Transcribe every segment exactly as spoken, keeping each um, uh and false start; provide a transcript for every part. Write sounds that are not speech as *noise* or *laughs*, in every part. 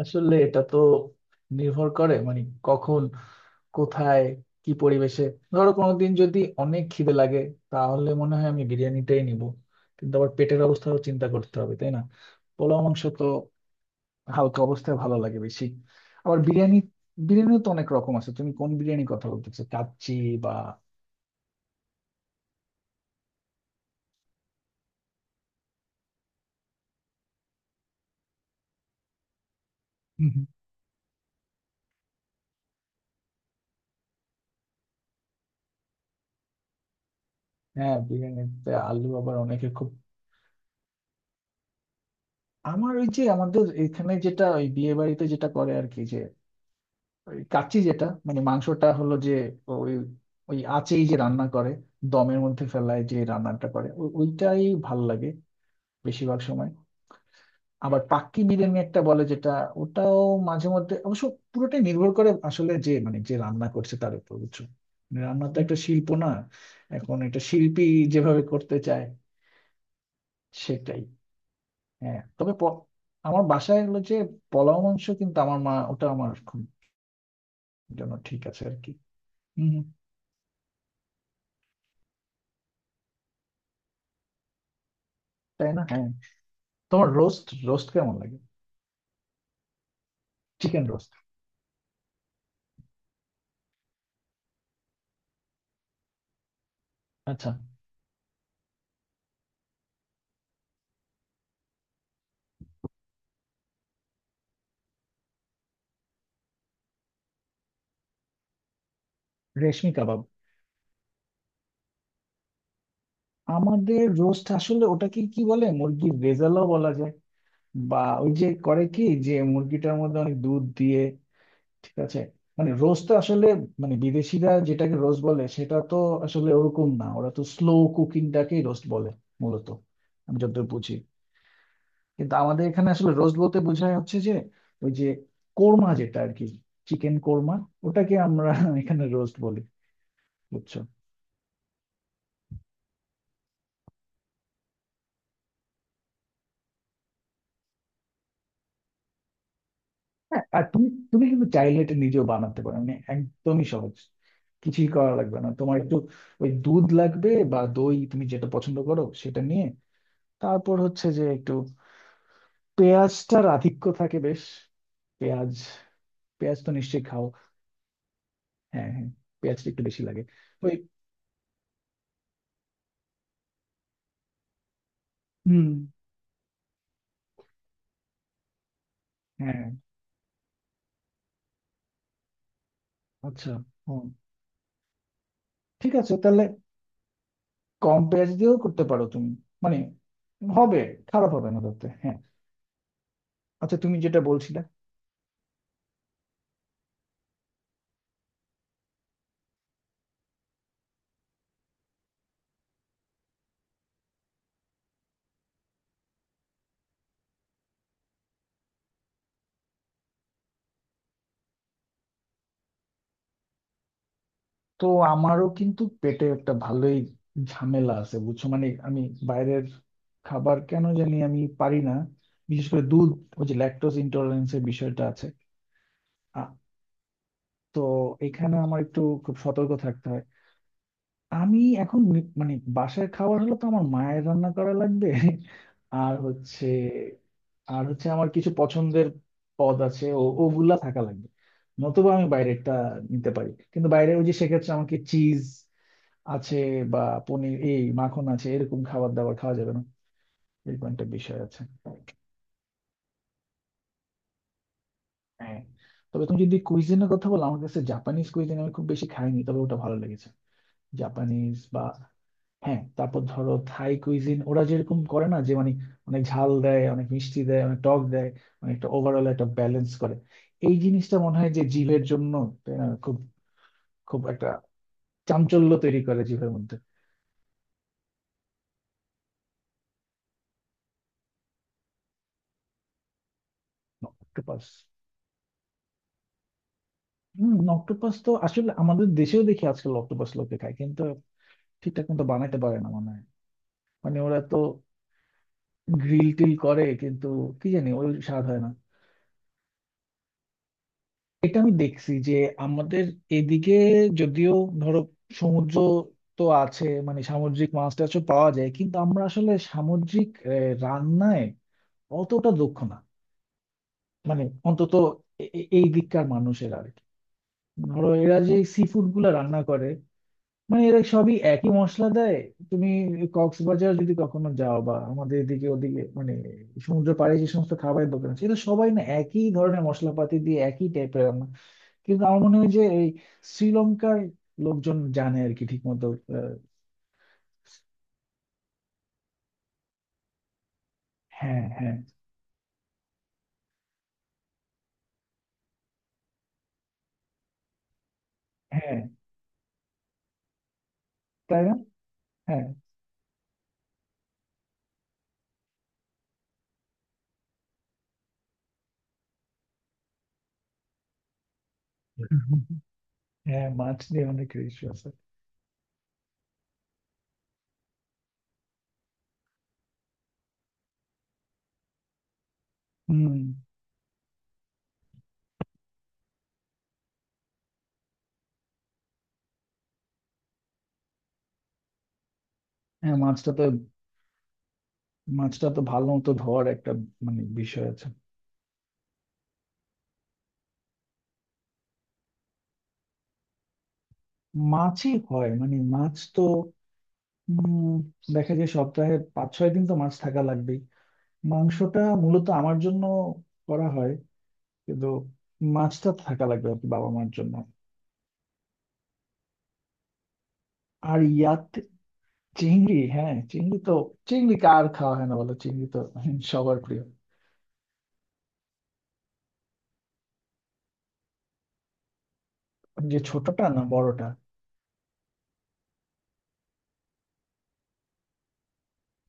আসলে এটা তো নির্ভর করে মানে কখন, কোথায়, কি পরিবেশে। ধরো কোনোদিন যদি অনেক খিদে লাগে, তাহলে মনে হয় আমি বিরিয়ানিটাই নিব, কিন্তু আবার পেটের অবস্থাও চিন্তা করতে হবে, তাই না? পোলাও মাংস তো হালকা অবস্থায় ভালো লাগে বেশি। আবার বিরিয়ানি, বিরিয়ানিও তো অনেক রকম আছে, তুমি কোন বিরিয়ানি কথা বলতেছো, কাচ্চি বা? হুম, হুম। হ্যাঁ, বিরিয়ানিতে আলু আবার অনেকে খুব। আমার ওই যে আমাদের এখানে যেটা ওই বিয়ে বাড়িতে যেটা করে আর কি, ওই কাচ্চি, যেটা মানে মাংসটা হলো যে ওই, ওই আঁচেই যে রান্না করে, দমের মধ্যে ফেলায় যে রান্নাটা করে, ও- ওইটাই ভাল লাগে বেশিরভাগ সময়। আবার পাক্কি বিরিয়ানি একটা বলে, যেটা ওটাও মাঝে মধ্যে অবশ্য। পুরোটাই নির্ভর করে আসলে, যে মানে যে রান্না করছে তার উপর, বুঝছো? মানে রান্না তো একটা শিল্প না, এখন এটা শিল্পী যেভাবে করতে চায় সেটাই। হ্যাঁ, তবে প- আমার বাসায় হলো যে পোলাও মাংস, কিন্তু আমার মা ওটা আমার খুব জন্য ঠিক আছে আর কি। হম। তাই না, হ্যাঁ। তোমার রোস্ট, রোস্ট কেমন লাগে? Chicken roast. আচ্ছা। রেশমি কাবাব, আমাদের রোস্ট আসলে ওটাকে কি বলে, মুরগির রেজালাও বলা যায়, বা ওই যে করে, কি যে মুরগিটার মধ্যে অনেক দুধ দিয়ে, ঠিক আছে। মানে রোস্ট আসলে, মানে বিদেশিরা যেটাকে রোস্ট বলে সেটা তো আসলে ওরকম না, ওরা তো স্লো কুকিংটাকেই রোস্ট বলে মূলত, আমি যতদূর বুঝি। কিন্তু আমাদের এখানে আসলে রোস্ট বলতে বোঝায় হচ্ছে যে, ওই যে কোর্মা যেটা আর কি, চিকেন কোর্মা, ওটাকে আমরা *laughs* এখানে রোস্ট বলি, বুঝছো? হ্যাঁ, আর তুমি, তুমি কিন্তু চাইলে এটা নিজেও বানাতে পারো, মানে একদমই সহজ, কিছুই করা লাগবে না তোমার। একটু ওই দুধ লাগবে বা দই, তুমি যেটা পছন্দ করো সেটা নিয়ে, তারপর হচ্ছে যে একটু পেঁয়াজটার আধিক্য থাকে বেশ। পেঁয়াজ, পেঁয়াজ তো নিশ্চয়ই খাও? হ্যাঁ, হ্যাঁ, পেঁয়াজটা একটু বেশি লাগে। ওই, হুম। হ্যাঁ, আচ্ছা, হুম, ঠিক আছে তাহলে, কম পেঁয়াজ দিয়েও করতে পারো তুমি, মানে হবে, খারাপ হবে না তাতে, হ্যাঁ। আচ্ছা, তুমি যেটা বলছিলে, তো আমারও কিন্তু পেটে একটা ভালোই ঝামেলা আছে, বুঝছো? মানে আমি বাইরের খাবার কেন জানি আমি পারি না, বিশেষ করে দুধ, ওই যে ল্যাকটোজ ইন্টলারেন্স এর বিষয়টা আছে। আ- তো এখানে আমার একটু খুব সতর্ক থাকতে হয়। আমি এখন নি- মানে বাসার খাবার হলে তো আমার মায়ের রান্না করা লাগবে, আর হচ্ছে, আর হচ্ছে আমার কিছু পছন্দের পদ আছে, ও ওগুলা থাকা লাগবে। নতুবা আমি বাইরেরটা নিতে পারি, কিন্তু বাইরে ওই যে সেক্ষেত্রে আমাকে চিজ আছে বা পনির, এই মাখন আছে, এরকম খাবার দাবার খাওয়া যাবে না, এরকম একটা বিষয় আছে। হ্যাঁ, তবে তুমি যদি কুইজিনের কথা বলো, আমার কাছে জাপানিজ কুইজিন আমি খুব বেশি খাইনি, তবে ওটা ভালো লেগেছে। জাপানিজ বা, হ্যাঁ, তারপর ধরো থাই কুইজিন, ওরা যেরকম করে না, যে মানে অনেক ঝাল দেয়, অনেক মিষ্টি দেয়, অনেক টক দেয়, মানে একটা ওভারঅল একটা ব্যালেন্স করে। এই জিনিসটা মনে হয় যে জীবের জন্য, তাই না, খুব, খুব একটা চাঞ্চল্য তৈরি করে জীবের মধ্যে। অক্টোপাস, হম, অক্টোপাস তো আসলে আমাদের দেশেও দেখি আজকাল অক্টোপাস লোকে খায়, কিন্তু ঠিকঠাক মতো বানাইতে পারে না মনে হয়। মানে ওরা তো গ্রিল টিল করে, কিন্তু কি জানি ওই স্বাদ হয় না। এটা আমি দেখছি যে আমাদের এদিকে যদিও, ধরো সমুদ্র তো আছে, মানে সামুদ্রিক মাছ টাছও পাওয়া যায়, কিন্তু আমরা আসলে সামুদ্রিক আহ, রান্নায় অতটা দক্ষ না। মানে অন্তত এ- এ- এই দিককার মানুষের আর কি, ধরো এরা যে সি ফুড গুলা রান্না করে, মানে এরা সবই একই মশলা দেয়। তুমি কক্সবাজার যদি কখনো যাও, বা আমাদের এদিকে ওদিকে, মানে সমুদ্র পাড়ে যে সমস্ত খাবারের দোকান আছে, এটা সবাই না একই ধরনের মশলাপাতি দিয়ে একই টাইপের রান্না। কিন্তু আমার মনে হয় যে এই শ্রীলঙ্কার লোকজন জানে আর কি, ঠিক মতো। হ্যাঁ, হ্যাঁ। হ্যাঁ, তাই না। হ্যাঁ, হ্যাঁ, মাছ নিয়ে অনেক ইস্যু আছে। হুম, হ্যাঁ, মাছটা তো, মাছটা তো ভালো মতো ধোয়ার একটা, মানে বিষয় আছে। মাছই হয়, মানে মাছ তো, উম, দেখা যায় সপ্তাহে পাঁচ ছয় দিন তো মাছ থাকা লাগবেই। মাংসটা মূলত আমার জন্য করা হয়, কিন্তু মাছটা থাকা লাগবে আর কি, বাবা মার জন্য। আর ইয়াতে, চিংড়ি, হ্যাঁ চিংড়ি তো, চিংড়ি কার খাওয়া হয় না বলো, চিংড়ি তো সবার প্রিয়। যে ছোটটা না বড়টা?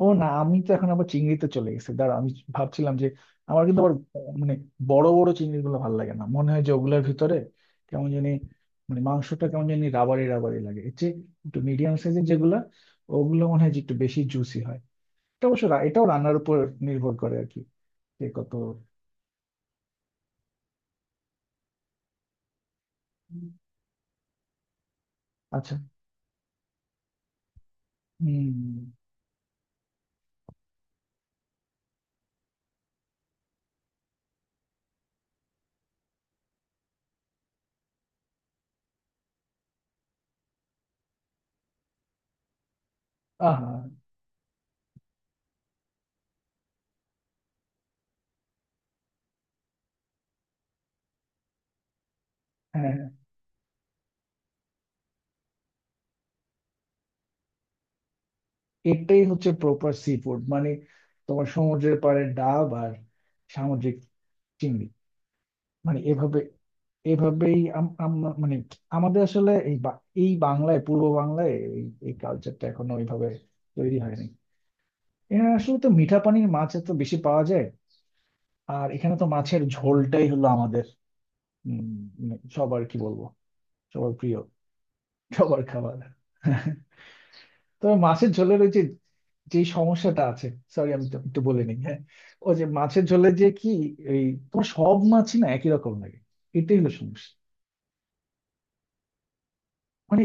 ও না, আমি তো এখন আবার চিংড়িতে চলে গেছি, দাঁড়া। আমি ভাবছিলাম যে আমার কিন্তু আবার আহ, মানে বড় বড় চিংড়ি গুলো ভালো লাগে না, মনে হয় যে ওগুলোর ভিতরে কেমন জানি, মানে মাংসটা কেমন জানি রাবারি রাবারি লাগে। এর চেয়ে একটু মিডিয়াম সাইজের যেগুলা, ওগুলো মনে হয় যে একটু বেশি জুসি হয়। এটা অবশ্য রা- এটাও রান্নার উপর নির্ভর করে আর কি, কে কত। আচ্ছা, হম, আহা, হ্যাঁ, হ্যাঁ। এটাই হচ্ছে প্রপার সি ফুড, মানে তোমার সমুদ্রের পাড়ে ডাব আর সামুদ্রিক চিংড়ি, মানে এভাবে, এভাবেই আম- আমরা মানে আমাদের আসলে এই বা- এই বাংলায়, পূর্ব বাংলায় এই এই কালচারটা এখনো ওইভাবে তৈরি হয়নি। এখানে আসলে তো মিঠা পানির মাছ এত বেশি পাওয়া যায়, আর এখানে তো মাছের ঝোলটাই হলো আমাদের, উম, মানে সবার, কি বলবো, সবার প্রিয়, সবার খাবার। তবে মাছের ঝোলের ওই যে, যে সমস্যাটা আছে, সরি আমি তো একটু বলে নিই, হ্যাঁ, ও যে মাছের ঝোলে যে কি, এই তোমার সব মাছই না একই রকম লাগে, এটাই হলো সমস্যা। মানে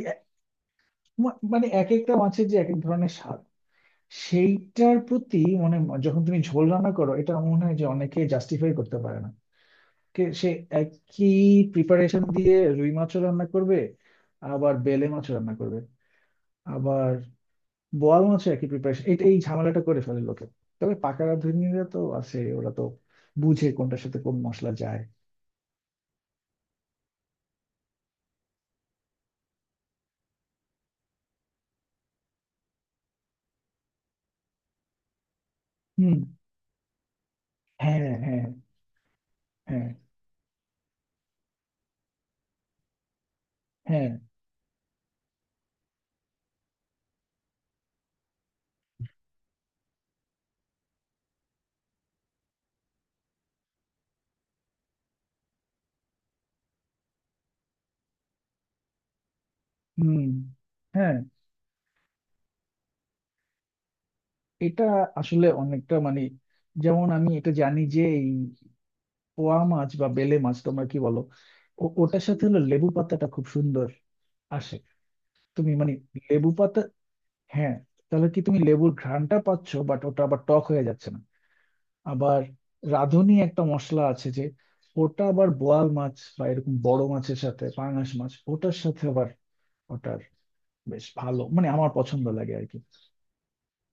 মা- মানে এক একটা মাছের যে এক এক ধরনের স্বাদ, সেইটার প্রতি মানে, যখন তুমি ঝোল রান্না করো, এটা আমার মনে হয় যে অনেকে জাস্টিফাই করতে পারে না। কে- সে একই প্রিপারেশন দিয়ে রুই মাছও রান্না করবে, আবার বেলে মাছও রান্না করবে, আবার বোয়াল মাছও একই প্রিপারেশন, এটা এই ঝামেলাটা করে ফেলে লোকে। তবে পাকা রাঁধুনিরা তো আছে, ওরা তো বুঝে কোনটার সাথে কোন মশলা যায়। হুম, হ্যাঁ, হ্যাঁ, হ্যাঁ, হ্যাঁ, হুম, হ্যাঁ। এটা আসলে অনেকটা মানে, যেমন আমি এটা জানি যে এই পোয়া মাছ বা বেলে মাছ তোমরা কি বলো, ও- ওটার সাথে হলো লেবু পাতাটা খুব সুন্দর আসে। তুমি মানে লেবু পাতা, হ্যাঁ, তাহলে কি তুমি লেবুর ঘ্রাণটা পাচ্ছ, বাট ওটা আবার টক হয়ে যাচ্ছে না। আবার রাঁধুনি একটা মশলা আছে যে, ওটা আবার বোয়াল মাছ বা এরকম বড় মাছের সাথে, পাঙাশ মাছ ওটার সাথে আবার, ওটার বেশ ভালো মানে আমার পছন্দ লাগে আর কি।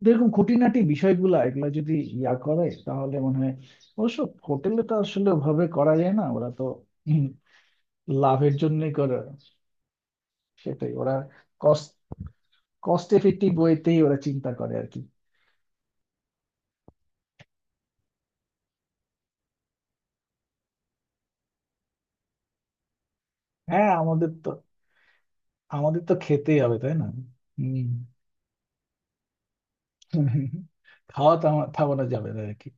এরকম খুঁটিনাটি বিষয়গুলো এগুলো যদি ইয়া করে তাহলে মনে হয়, অবশ্য হোটেলে তো আসলে ওভাবে করা যায় না, ওরা তো, হুম, লাভের জন্যই করে, সেটাই ওরা কস্ট, কস্ট এফেক্টিভ ওয়েতেই ওরা চিন্তা করে আর কি। হ্যাঁ, আমাদের তো, আমাদের তো খেতেই হবে, তাই না? হম। *laughs* খাওয়া থামা- থামানো যাবে না আর কি।